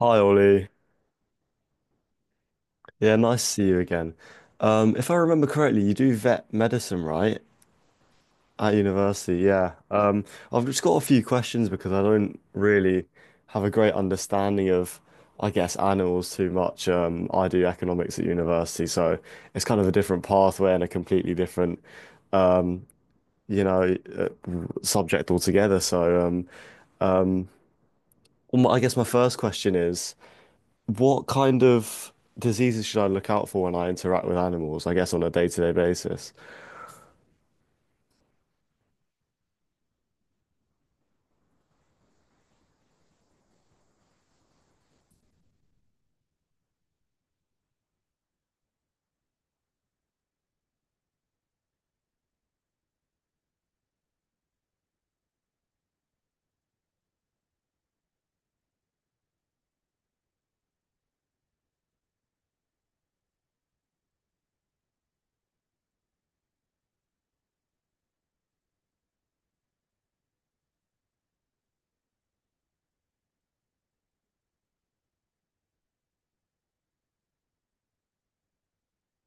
Hi, Ollie. Yeah, nice to see you again. If I remember correctly, you do vet medicine, right? At university, yeah. I've just got a few questions because I don't really have a great understanding of, I guess, animals too much. I do economics at university, so it's kind of a different pathway and a completely different, you know, uh, subject altogether. Um, I guess my first question is. What kind of diseases should I look out for when I interact with animals? I guess on a day-to-day basis.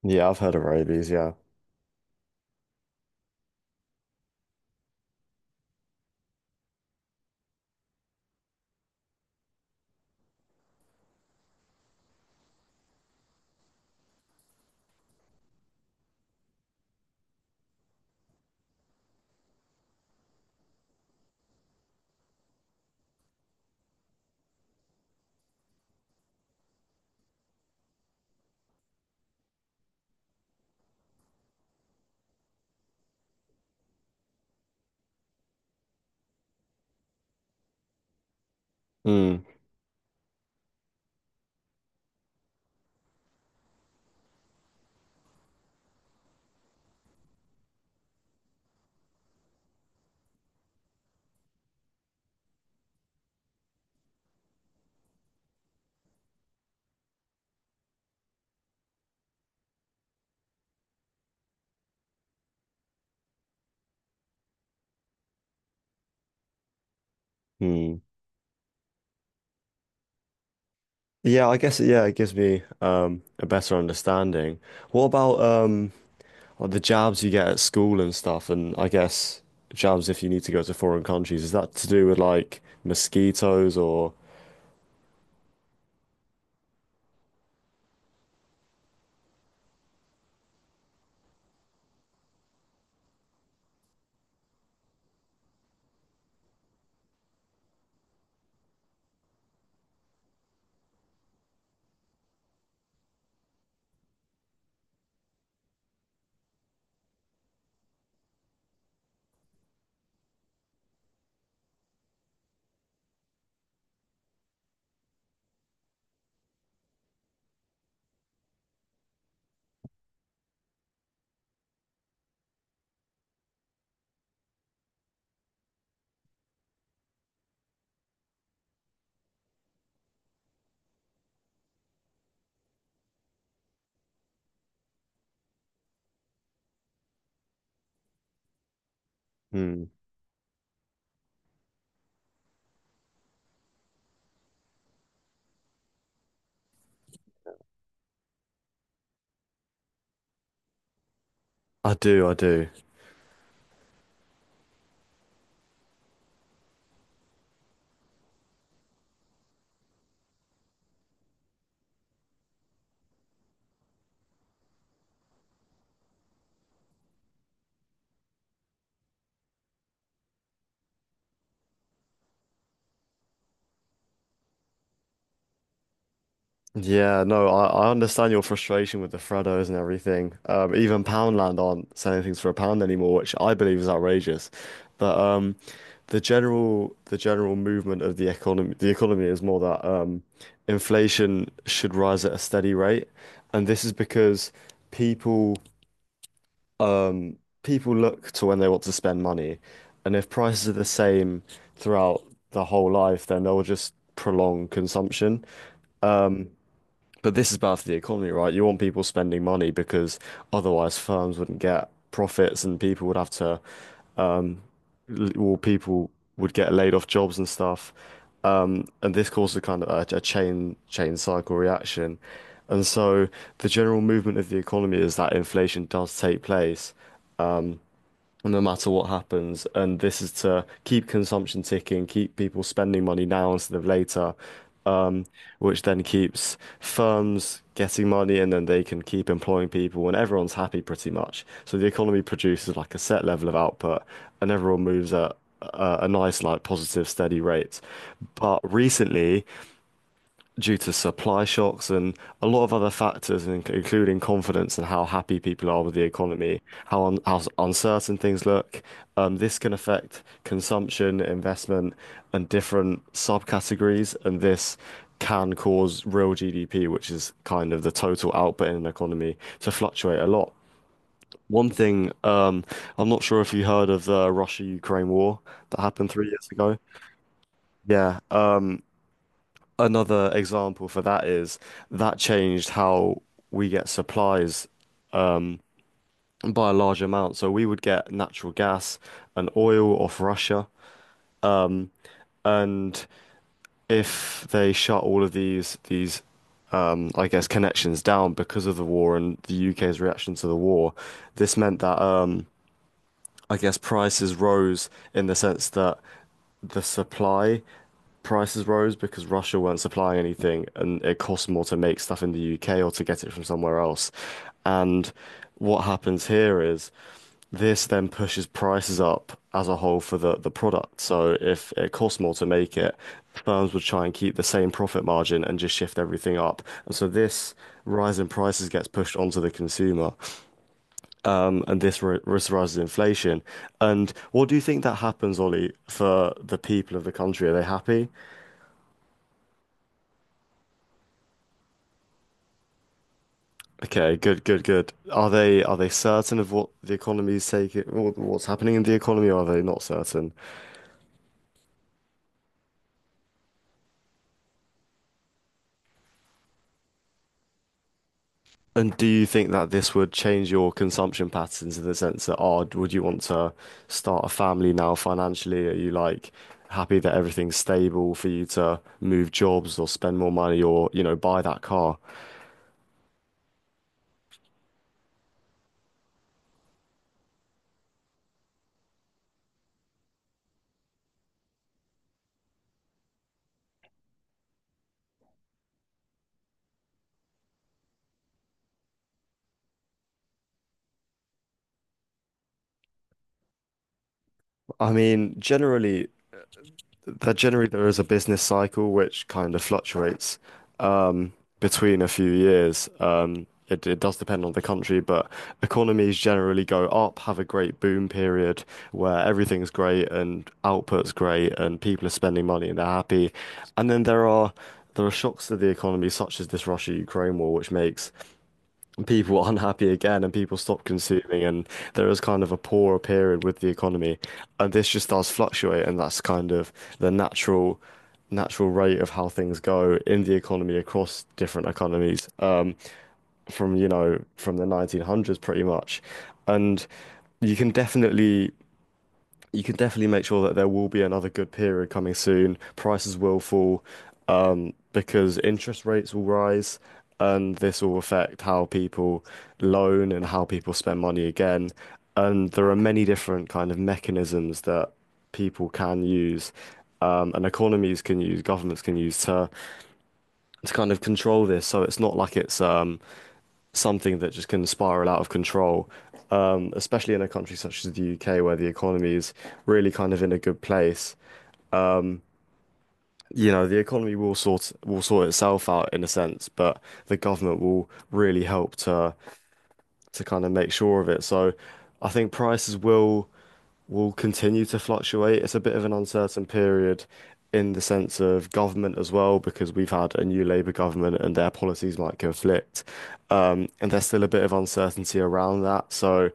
Yeah, I've heard of rabies. Yeah. Mm, mm. Yeah, I guess. Yeah, it gives me a better understanding. What about like the jabs you get at school and stuff? And I guess jabs if you need to go to foreign countries. Is that to do with like mosquitoes or? Hmm. I do. I do. Yeah, no, I understand your frustration with the Freddos and everything. Even Poundland aren't selling things for a pound anymore, which I believe is outrageous. But The general movement of the economy is more that inflation should rise at a steady rate, and this is because people people look to when they want to spend money, and if prices are the same throughout the whole life, then they'll just prolong consumption. But this is bad for the economy, right? You want people spending money because otherwise firms wouldn't get profits and people would have to, or people would get laid off jobs and stuff. And this causes a kind of a chain cycle reaction. And so the general movement of the economy is that inflation does take place no matter what happens. And this is to keep consumption ticking, keep people spending money now instead of later, um, which then keeps firms getting money and then they can keep employing people and everyone's happy pretty much. So the economy produces like a set level of output and everyone moves at a nice, like positive, steady rate. But recently, due to supply shocks and a lot of other factors, including confidence and how happy people are with the economy, how un how s- uncertain things look. This can affect consumption, investment, and different subcategories, and this can cause real GDP, which is kind of the total output in an economy, to fluctuate a lot. One thing, um, I'm not sure if you heard of the Russia-Ukraine war that happened 3 years ago. Yeah, another example for that is that changed how we get supplies by a large amount. So we would get natural gas and oil off Russia. And if they shut all of these I guess connections down because of the war and the UK's reaction to the war, this meant that I guess prices rose in the sense that the supply prices rose because Russia weren't supplying anything and it cost more to make stuff in the UK or to get it from somewhere else. And what happens here is this then pushes prices up as a whole for the product. So if it costs more to make it, firms would try and keep the same profit margin and just shift everything up. And so this rise in prices gets pushed onto the consumer and this rise inflation. And what do you think that happens, Ollie, for the people of the country? Are they happy? Okay, good, good, good. Are they certain of what the economy is taking, what's happening in the economy? Or are they not certain? And do you think that this would change your consumption patterns in the sense that, oh, would you want to start a family now financially? Are you like happy that everything's stable for you to move jobs or spend more money or, you know, buy that car? I mean, generally, that generally there is a business cycle which kind of fluctuates um, between a few years. It does depend on the country, but economies generally go up, have a great boom period where everything's great and output's great and people are spending money and they're happy. And then there are shocks to the economy, such as this Russia-Ukraine war, which makes people were unhappy again and people stopped consuming and there is kind of a poorer period with the economy and this just does fluctuate and that's kind of the natural rate of how things go in the economy across different economies from you know from the 1900s pretty much and you can definitely you can definitely make sure that there will be another good period coming soon. Prices will fall, because interest rates will rise, and this will affect how people loan and how people spend money again. And there are many different kind of mechanisms that people can use, and economies can use, governments can use to kind of control this. So it's not like it's something that just can spiral out of control, especially in a country such as the UK where the economy is really kind of in a good place. You know, the economy will sort itself out in a sense, but the government will really help to kind of make sure of it. So I think prices will continue to fluctuate. It's a bit of an uncertain period in the sense of government as well, because we've had a new Labour government and their policies might conflict. And there's still a bit of uncertainty around that. So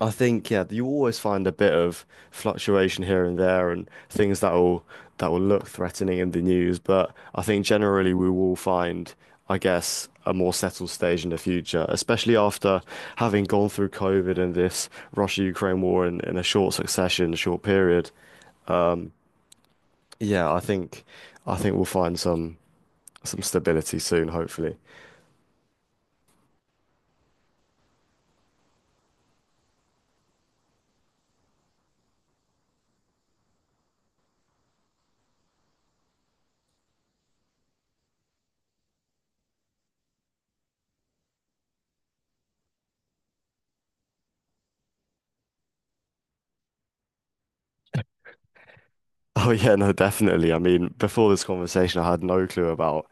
I think yeah, you always find a bit of fluctuation here and there and things that will look threatening in the news, but I think generally we will find, I guess, a more settled stage in the future, especially after having gone through COVID and this Russia-Ukraine war in a short succession, short period. Yeah, I think we'll find some stability soon, hopefully. Oh yeah, no, definitely. I mean, before this conversation, I had no clue about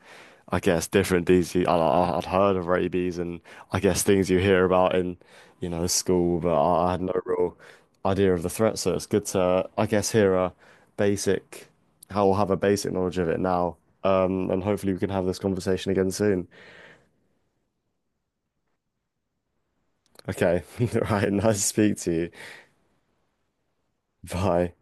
I guess different things I'd heard of rabies and I guess things you hear about in, you know, school, but I had no real idea of the threat. So it's good to, I guess, hear a basic, how I'll have a basic knowledge of it now. And hopefully we can have this conversation again soon. Okay. Right. Nice to speak to you. Bye.